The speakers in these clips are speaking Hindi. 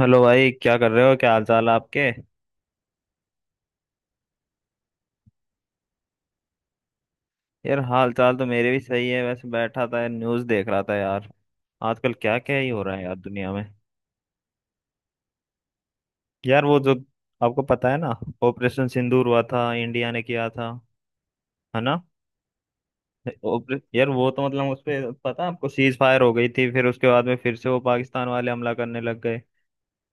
हेलो भाई, क्या कर रहे हो? क्या हाल चाल है आपके? यार हाल चाल तो मेरे भी सही है। वैसे बैठा था, न्यूज़ देख रहा था यार। आजकल क्या क्या ही हो रहा है यार दुनिया में। यार वो जो, आपको पता है ना, ऑपरेशन सिंदूर हुआ था, इंडिया ने किया था, है ना। यार वो तो मतलब उस पे पता है आपको, सीज फायर हो गई थी, फिर उसके बाद में फिर से वो पाकिस्तान वाले हमला करने लग गए।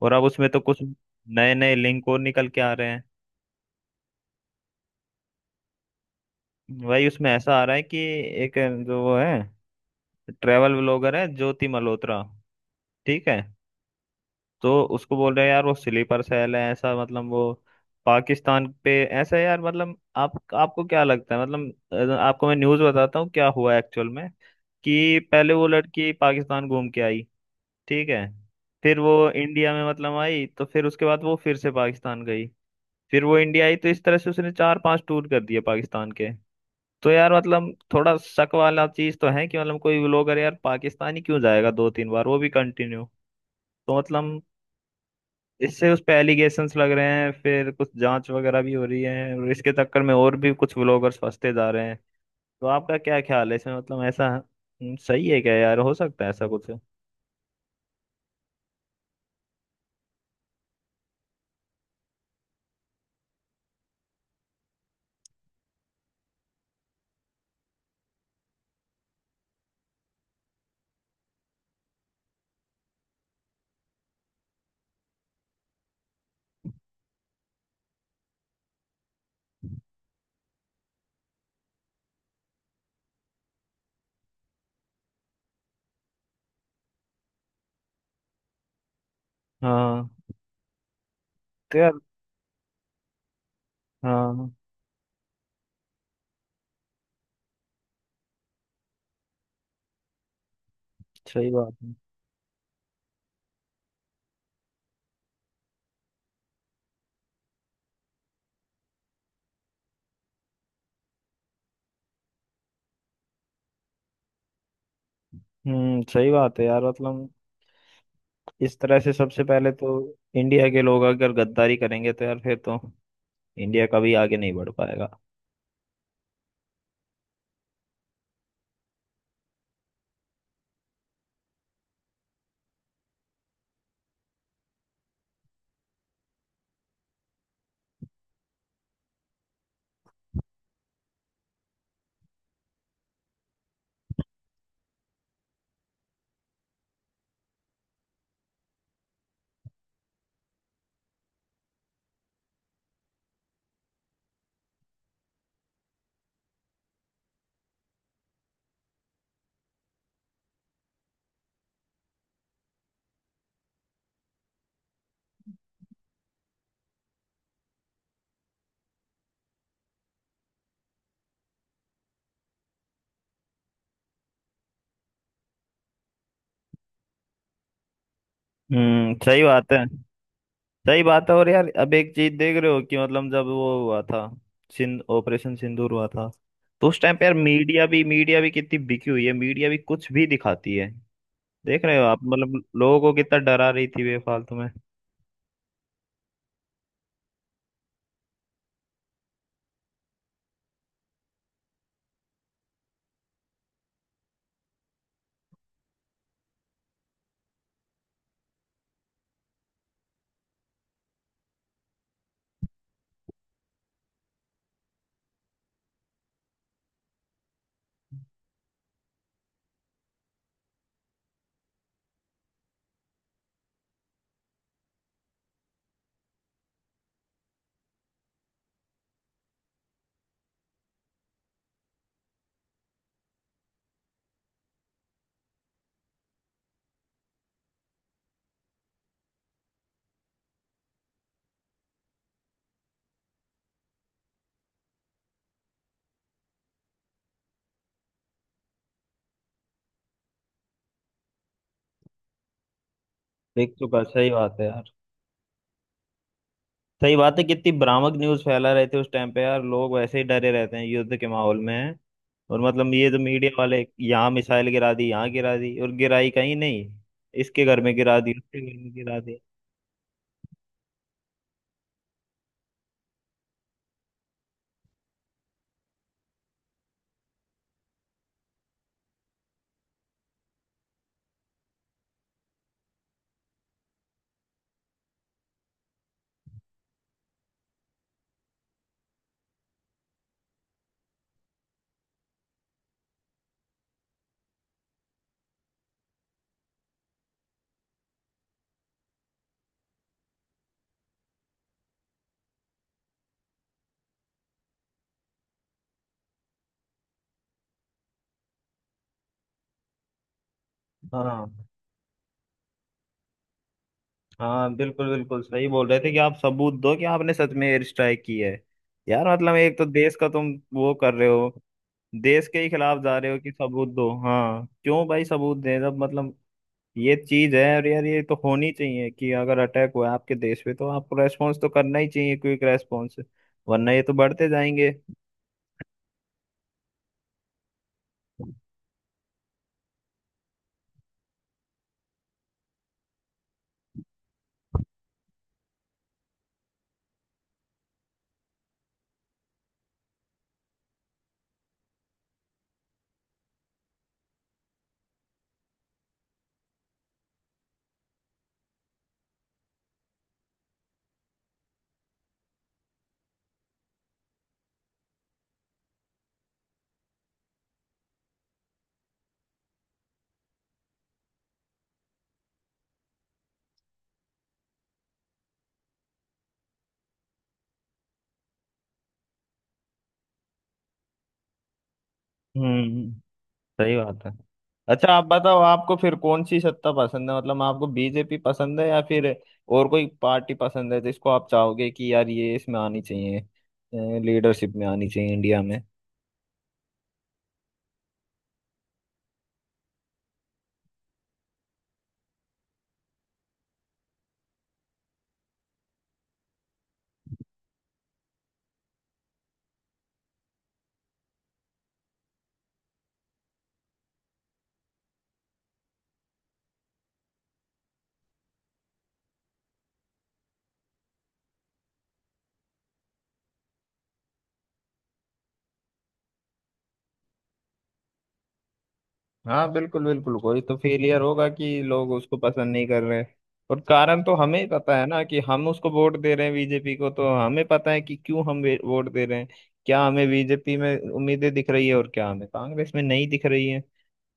और अब उसमें तो कुछ नए नए लिंक और निकल के आ रहे हैं। भाई उसमें ऐसा आ रहा है कि एक जो वो है, ट्रेवल ब्लॉगर है ज्योति मल्होत्रा, ठीक है। तो उसको बोल रहे हैं यार वो स्लीपर सेल है, ऐसा मतलब वो पाकिस्तान पे। ऐसा है यार मतलब, आप आपको क्या लगता है? मतलब आपको मैं न्यूज़ बताता हूँ क्या हुआ एक्चुअल में। कि पहले वो लड़की पाकिस्तान घूम के आई, ठीक है। फिर वो इंडिया में मतलब आई, तो फिर उसके बाद वो फिर से पाकिस्तान गई। फिर वो इंडिया आई। तो इस तरह से उसने चार पांच टूर कर दिए पाकिस्तान के। तो यार मतलब थोड़ा शक वाला चीज तो है कि मतलब कोई लोग, अरे यार, पाकिस्तान ही क्यों जाएगा दो तीन बार, वो भी कंटिन्यू। तो मतलब इससे उस पे एलिगेशंस लग रहे हैं, फिर कुछ जांच वगैरह भी हो रही है। और इसके चक्कर में और भी कुछ व्लॉगर्स फंसते जा रहे हैं। तो आपका क्या ख्याल है इसमें? मतलब ऐसा, सही है क्या यार, हो सकता है ऐसा कुछ? हाँ। तो यार, हाँ, सही बात है। हम्म, सही बात है यार। मतलब इस तरह से सबसे पहले तो इंडिया के लोग अगर गद्दारी करेंगे तो यार फिर तो इंडिया कभी आगे नहीं बढ़ पाएगा। हम्म, सही बात है। सही बात है। और यार अब एक चीज देख रहे हो कि मतलब जब वो हुआ था, सिंध ऑपरेशन सिंदूर हुआ था, तो उस टाइम पे यार मीडिया भी कितनी बिकी हुई है। मीडिया भी कुछ भी दिखाती है। देख रहे हो आप, मतलब लोगों को कितना डरा रही थी बेफालतू में। देख चुका, सही बात है यार। सही बात है, कितनी भ्रामक न्यूज फैला रहे थे उस टाइम पे यार। लोग वैसे ही डरे रहते हैं युद्ध के माहौल में, और मतलब ये तो मीडिया वाले यहाँ मिसाइल गिरा दी, यहाँ गिरा दी, और गिराई कहीं नहीं। इसके घर में गिरा दी, उसके घर में गिरा दी। हाँ हाँ, बिल्कुल बिल्कुल सही बोल रहे थे कि आप सबूत दो कि आपने सच में एयर स्ट्राइक की है। यार मतलब, एक तो देश का तुम वो कर रहे हो, देश के ही खिलाफ जा रहे हो, कि सबूत दो। हाँ क्यों भाई सबूत दें जब मतलब, ये चीज है। और यार ये तो होनी चाहिए कि अगर अटैक हुआ है आपके देश पे तो आपको रेस्पॉन्स तो करना ही चाहिए, क्विक रेस्पॉन्स, वरना ये तो बढ़ते जाएंगे। हम्म, सही बात है। अच्छा आप बताओ, आपको फिर कौन सी सत्ता पसंद है? मतलब आपको बीजेपी पसंद है या फिर और कोई पार्टी पसंद है, जिसको आप चाहोगे कि यार ये इसमें आनी चाहिए, लीडरशिप में आनी चाहिए इंडिया में। हाँ बिल्कुल बिल्कुल, कोई तो फेलियर होगा कि लोग उसको पसंद नहीं कर रहे। और कारण तो हमें ही पता है ना, कि हम उसको वोट दे रहे हैं बीजेपी को, तो हमें पता है कि क्यों हम वोट दे रहे हैं। क्या हमें बीजेपी में उम्मीदें दिख रही है और क्या हमें कांग्रेस में नहीं दिख रही है।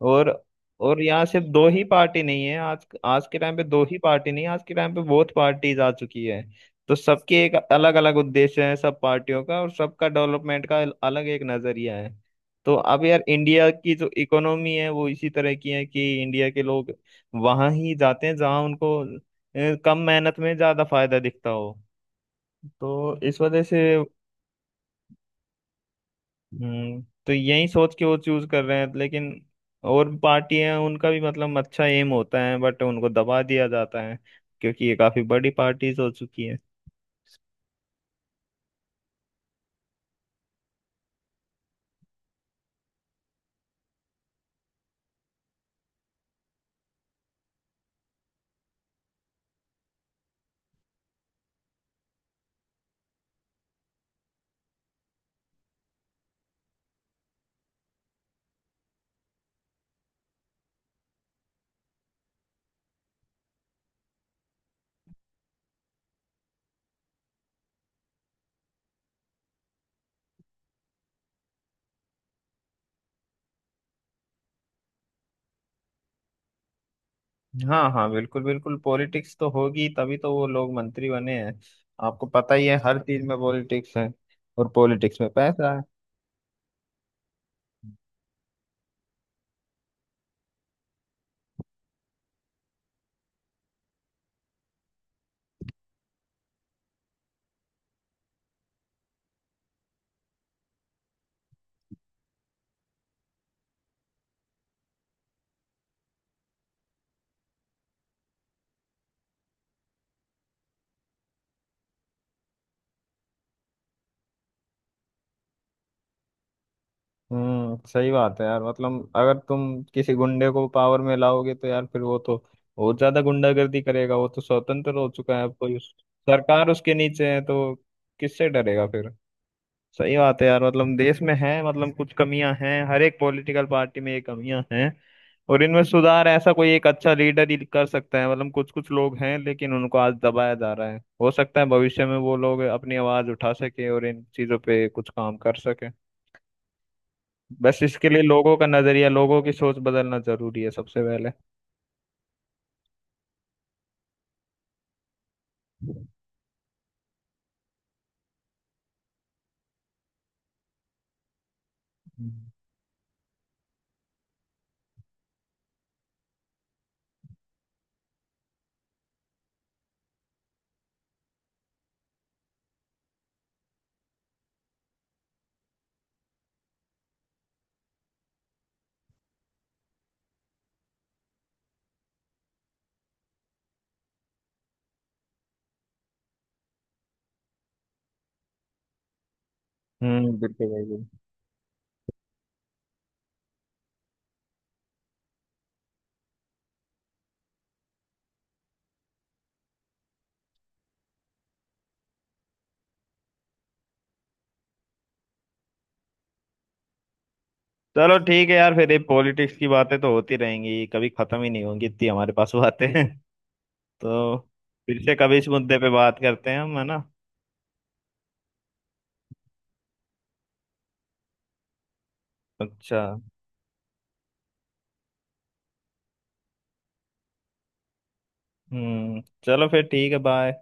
और और यहाँ सिर्फ दो ही पार्टी नहीं है आज। आज के टाइम पे दो ही पार्टी नहीं है आज के टाइम पे बहुत पार्टीज आ चुकी है। तो सबके एक अलग अलग उद्देश्य है सब पार्टियों का, और सबका डेवलपमेंट का अलग एक नजरिया है। तो अब यार इंडिया की जो इकोनॉमी है वो इसी तरह की है कि इंडिया के लोग वहां ही जाते हैं जहां उनको कम मेहनत में ज्यादा फायदा दिखता हो। तो इस वजह से, हम्म, तो यही सोच के वो चूज कर रहे हैं। लेकिन और पार्टी हैं, उनका भी मतलब अच्छा एम होता है, बट उनको दबा दिया जाता है, क्योंकि ये काफी बड़ी पार्टीज हो चुकी है। हाँ हाँ बिल्कुल बिल्कुल, पॉलिटिक्स तो होगी, तभी तो वो लोग मंत्री बने हैं। आपको पता ही है हर चीज में पॉलिटिक्स है, और पॉलिटिक्स में पैसा है। हम्म, सही बात है यार। मतलब अगर तुम किसी गुंडे को पावर में लाओगे तो यार फिर वो तो बहुत ज्यादा गुंडागर्दी करेगा। वो तो स्वतंत्र हो चुका है, अब कोई सरकार उसके नीचे है, तो किससे डरेगा फिर। सही बात है यार। मतलब देश में है, मतलब कुछ कमियां हैं, हर एक पॉलिटिकल पार्टी में ये कमियां हैं। और इनमें सुधार ऐसा कोई एक अच्छा लीडर ही कर सकता है। मतलब कुछ कुछ लोग हैं, लेकिन उनको आज दबाया जा रहा है। हो सकता है भविष्य में वो लोग अपनी आवाज उठा सके और इन चीजों पे कुछ काम कर सके। बस इसके लिए लोगों का नजरिया, लोगों की सोच बदलना जरूरी है सबसे पहले। हम्म। बिल्कुल भाई बिल्कुल। चलो ठीक है यार, फिर ये पॉलिटिक्स की बातें तो होती रहेंगी, कभी खत्म ही नहीं होंगी, इतनी हमारे पास बातें हैं। तो फिर से कभी इस मुद्दे पे बात करते हैं हम, है ना। अच्छा। हम्म, चलो फिर ठीक है, बाय।